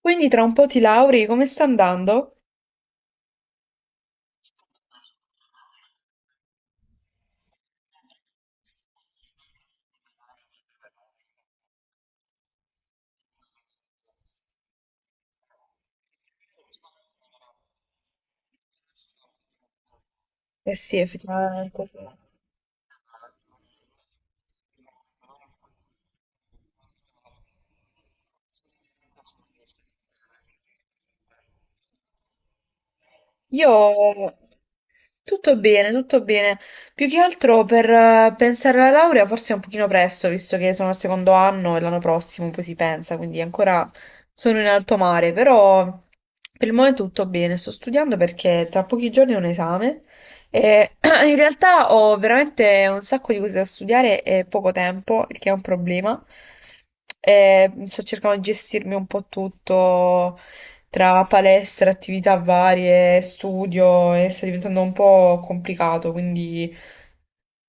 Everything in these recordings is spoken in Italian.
Quindi tra un po' ti lauri, come sta andando? Eh sì, effettivamente. Sì. Io tutto bene, tutto bene. Più che altro per pensare alla laurea forse è un pochino presto, visto che sono al secondo anno e l'anno prossimo poi si pensa, quindi ancora sono in alto mare, però per il momento tutto bene. Sto studiando perché tra pochi giorni ho un esame. E in realtà ho veramente un sacco di cose da studiare e poco tempo, il che è un problema. E sto cercando di gestirmi un po' tutto tra palestra, attività varie, studio e sta diventando un po' complicato, quindi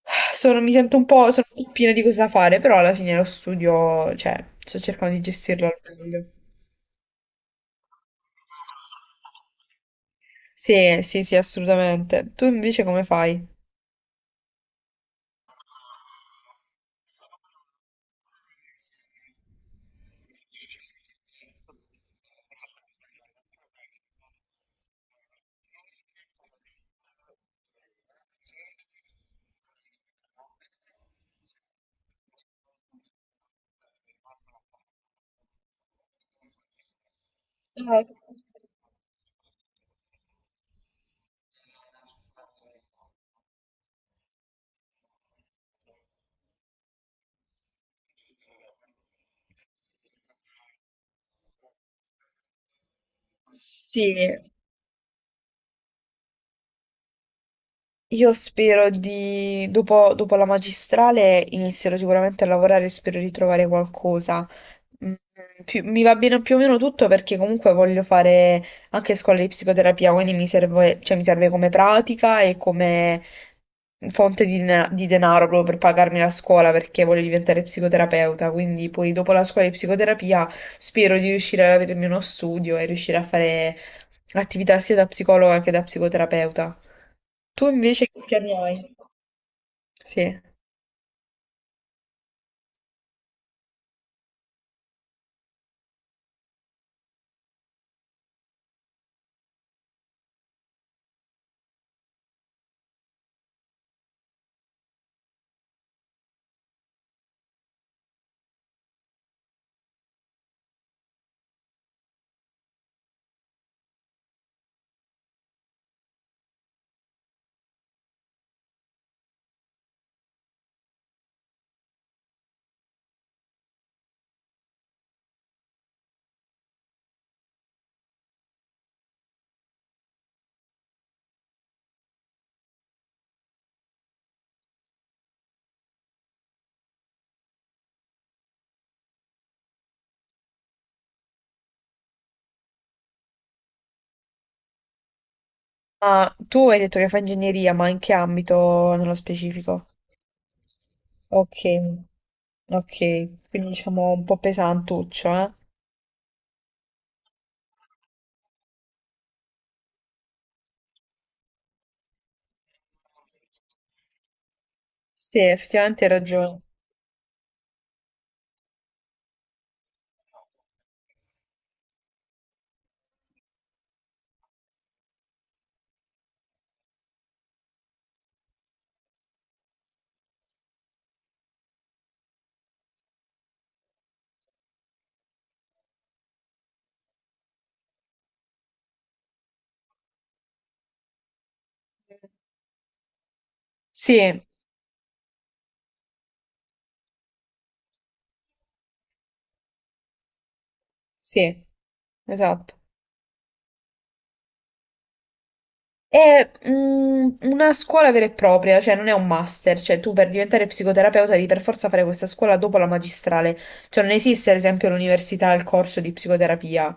mi sento un po', sono un po' piena di cose da fare, però alla fine lo studio, cioè, sto cercando di gestirlo al meglio. Sì, sì, sì, assolutamente. Tu invece come fai? Eh, Sì, io spero di, dopo, dopo la magistrale inizierò sicuramente a lavorare e spero di trovare qualcosa. Mm, mi va bene più o meno tutto perché comunque voglio fare anche scuola di psicoterapia, quindi mi serve, cioè, mi serve come pratica e come fonte di, di denaro proprio per pagarmi la scuola perché voglio diventare psicoterapeuta. Quindi poi dopo la scuola di psicoterapia spero di riuscire ad avermi uno studio e riuscire a fare attività sia da psicologa che da psicoterapeuta. Tu invece che piani hai? Sì. Ah, tu hai detto che fai ingegneria, ma in che ambito nello specifico? Ok, ok, quindi diciamo un po' pesantuccio, eh? Sì, effettivamente hai ragione. Sì, sì, esatto. È mm, una scuola vera e propria, cioè non è un master, cioè tu per diventare psicoterapeuta devi per forza fare questa scuola dopo la magistrale, cioè non esiste ad esempio all'università il corso di psicoterapia,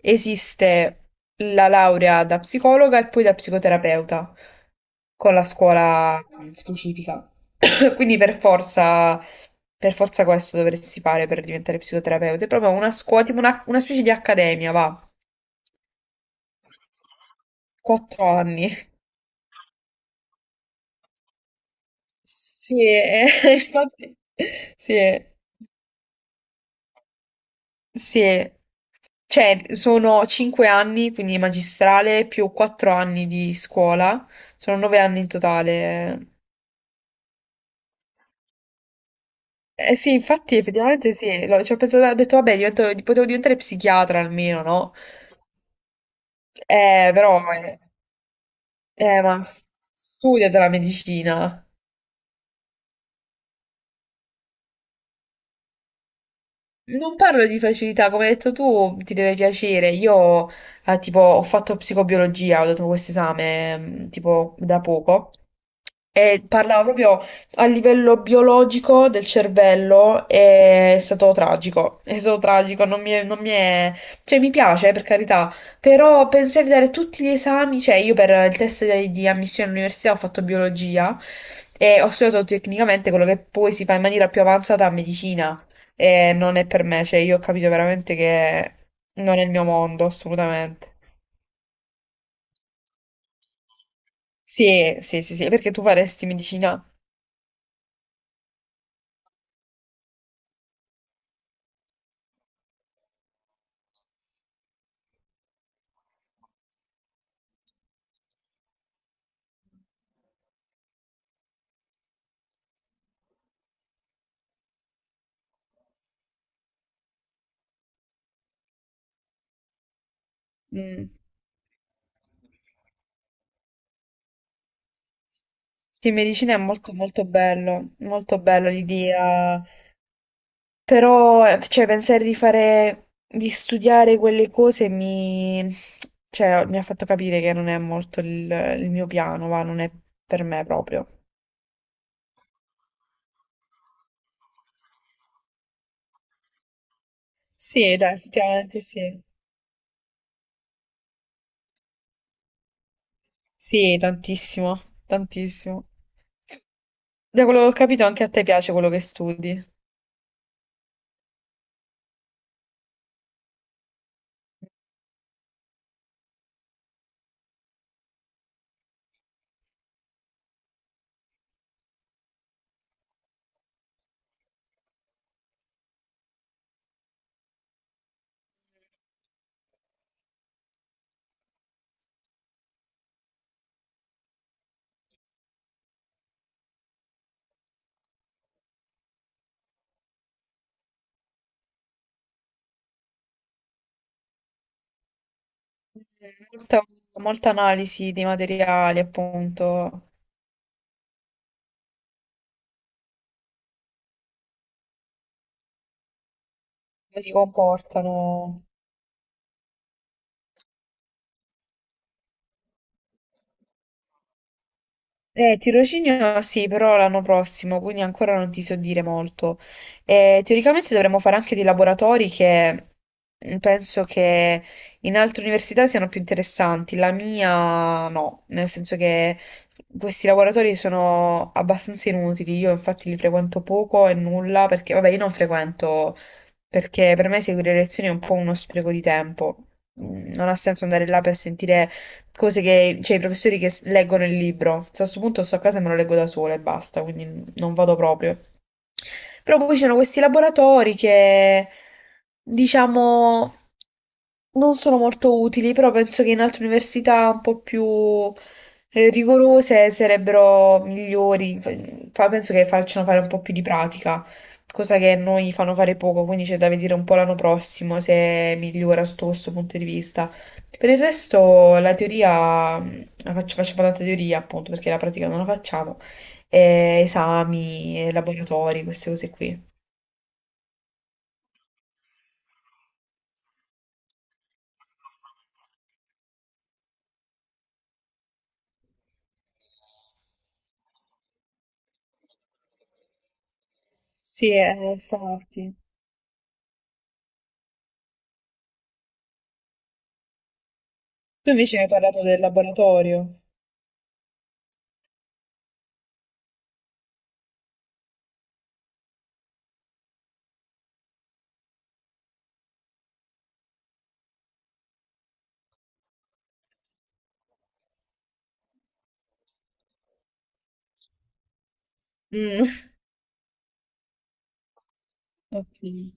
esiste la laurea da psicologa e poi da psicoterapeuta con la scuola specifica. Quindi per forza questo dovresti fare per diventare psicoterapeuta, è proprio una scuola, tipo una specie di accademia, va, 4 anni. Sì, infatti, sì, sì. Eh. Cioè, sono 5 anni, quindi magistrale, più 4 anni di scuola, sono 9 anni in totale. Eh sì, infatti, effettivamente sì, ci ho pensato, ho detto, vabbè, potevo diventare psichiatra almeno, no? Però, eh, ma s- studiate la medicina. Non parlo di facilità, come hai detto tu, ti deve piacere. Io, tipo, ho fatto psicobiologia, ho dato questo esame, mm, tipo, da poco. E parlava proprio a livello biologico del cervello, e è stato tragico, non mi è- cioè mi piace per carità, però pensare di dare tutti gli esami, cioè io per il test di ammissione all'università ho fatto biologia e ho studiato tecnicamente quello che poi si fa in maniera più avanzata a medicina e non è per me, cioè io ho capito veramente che non è il mio mondo, assolutamente. Sì, sì, sì, sì, perché tu faresti medicina? Mm. Sì, medicina è molto molto bello, molto bella l'idea, però cioè, pensare di fare, di studiare quelle cose mi, cioè, mi ha fatto capire che non è molto il mio piano, va, non è per me proprio. Sì, dai, effettivamente sì. Sì, tantissimo, tantissimo. Da quello che ho capito anche a te piace quello che studi. Molta, molta analisi dei materiali, appunto, come si comportano. Tirocinio sì, però l'anno prossimo, quindi ancora non ti so dire molto. Teoricamente dovremmo fare anche dei laboratori che mm, penso che in altre università siano più interessanti. La mia no, nel senso che questi laboratori sono abbastanza inutili. Io infatti li frequento poco e nulla perché, vabbè, io non frequento perché per me seguire le lezioni è un po' uno spreco di tempo. Mm. Non ha senso andare là per sentire cose che, cioè i professori che leggono il libro. Cioè, a questo punto sto a casa e me lo leggo da sola e basta, quindi non vado proprio. Però poi ci sono questi laboratori che, diciamo, non sono molto utili, però penso che in altre università un po' più rigorose sarebbero migliori. Penso che facciano fare un po' più di pratica, cosa che a noi fanno fare poco, quindi c'è da vedere un po' l'anno prossimo se migliora sotto questo punto di vista. Per il resto la teoria, la faccio, faccio tanta teoria appunto perché la pratica non la facciamo, e esami, e laboratori, queste cose qui. Sì, infatti. Tu invece mi hai parlato del laboratorio. Mm, ottimo.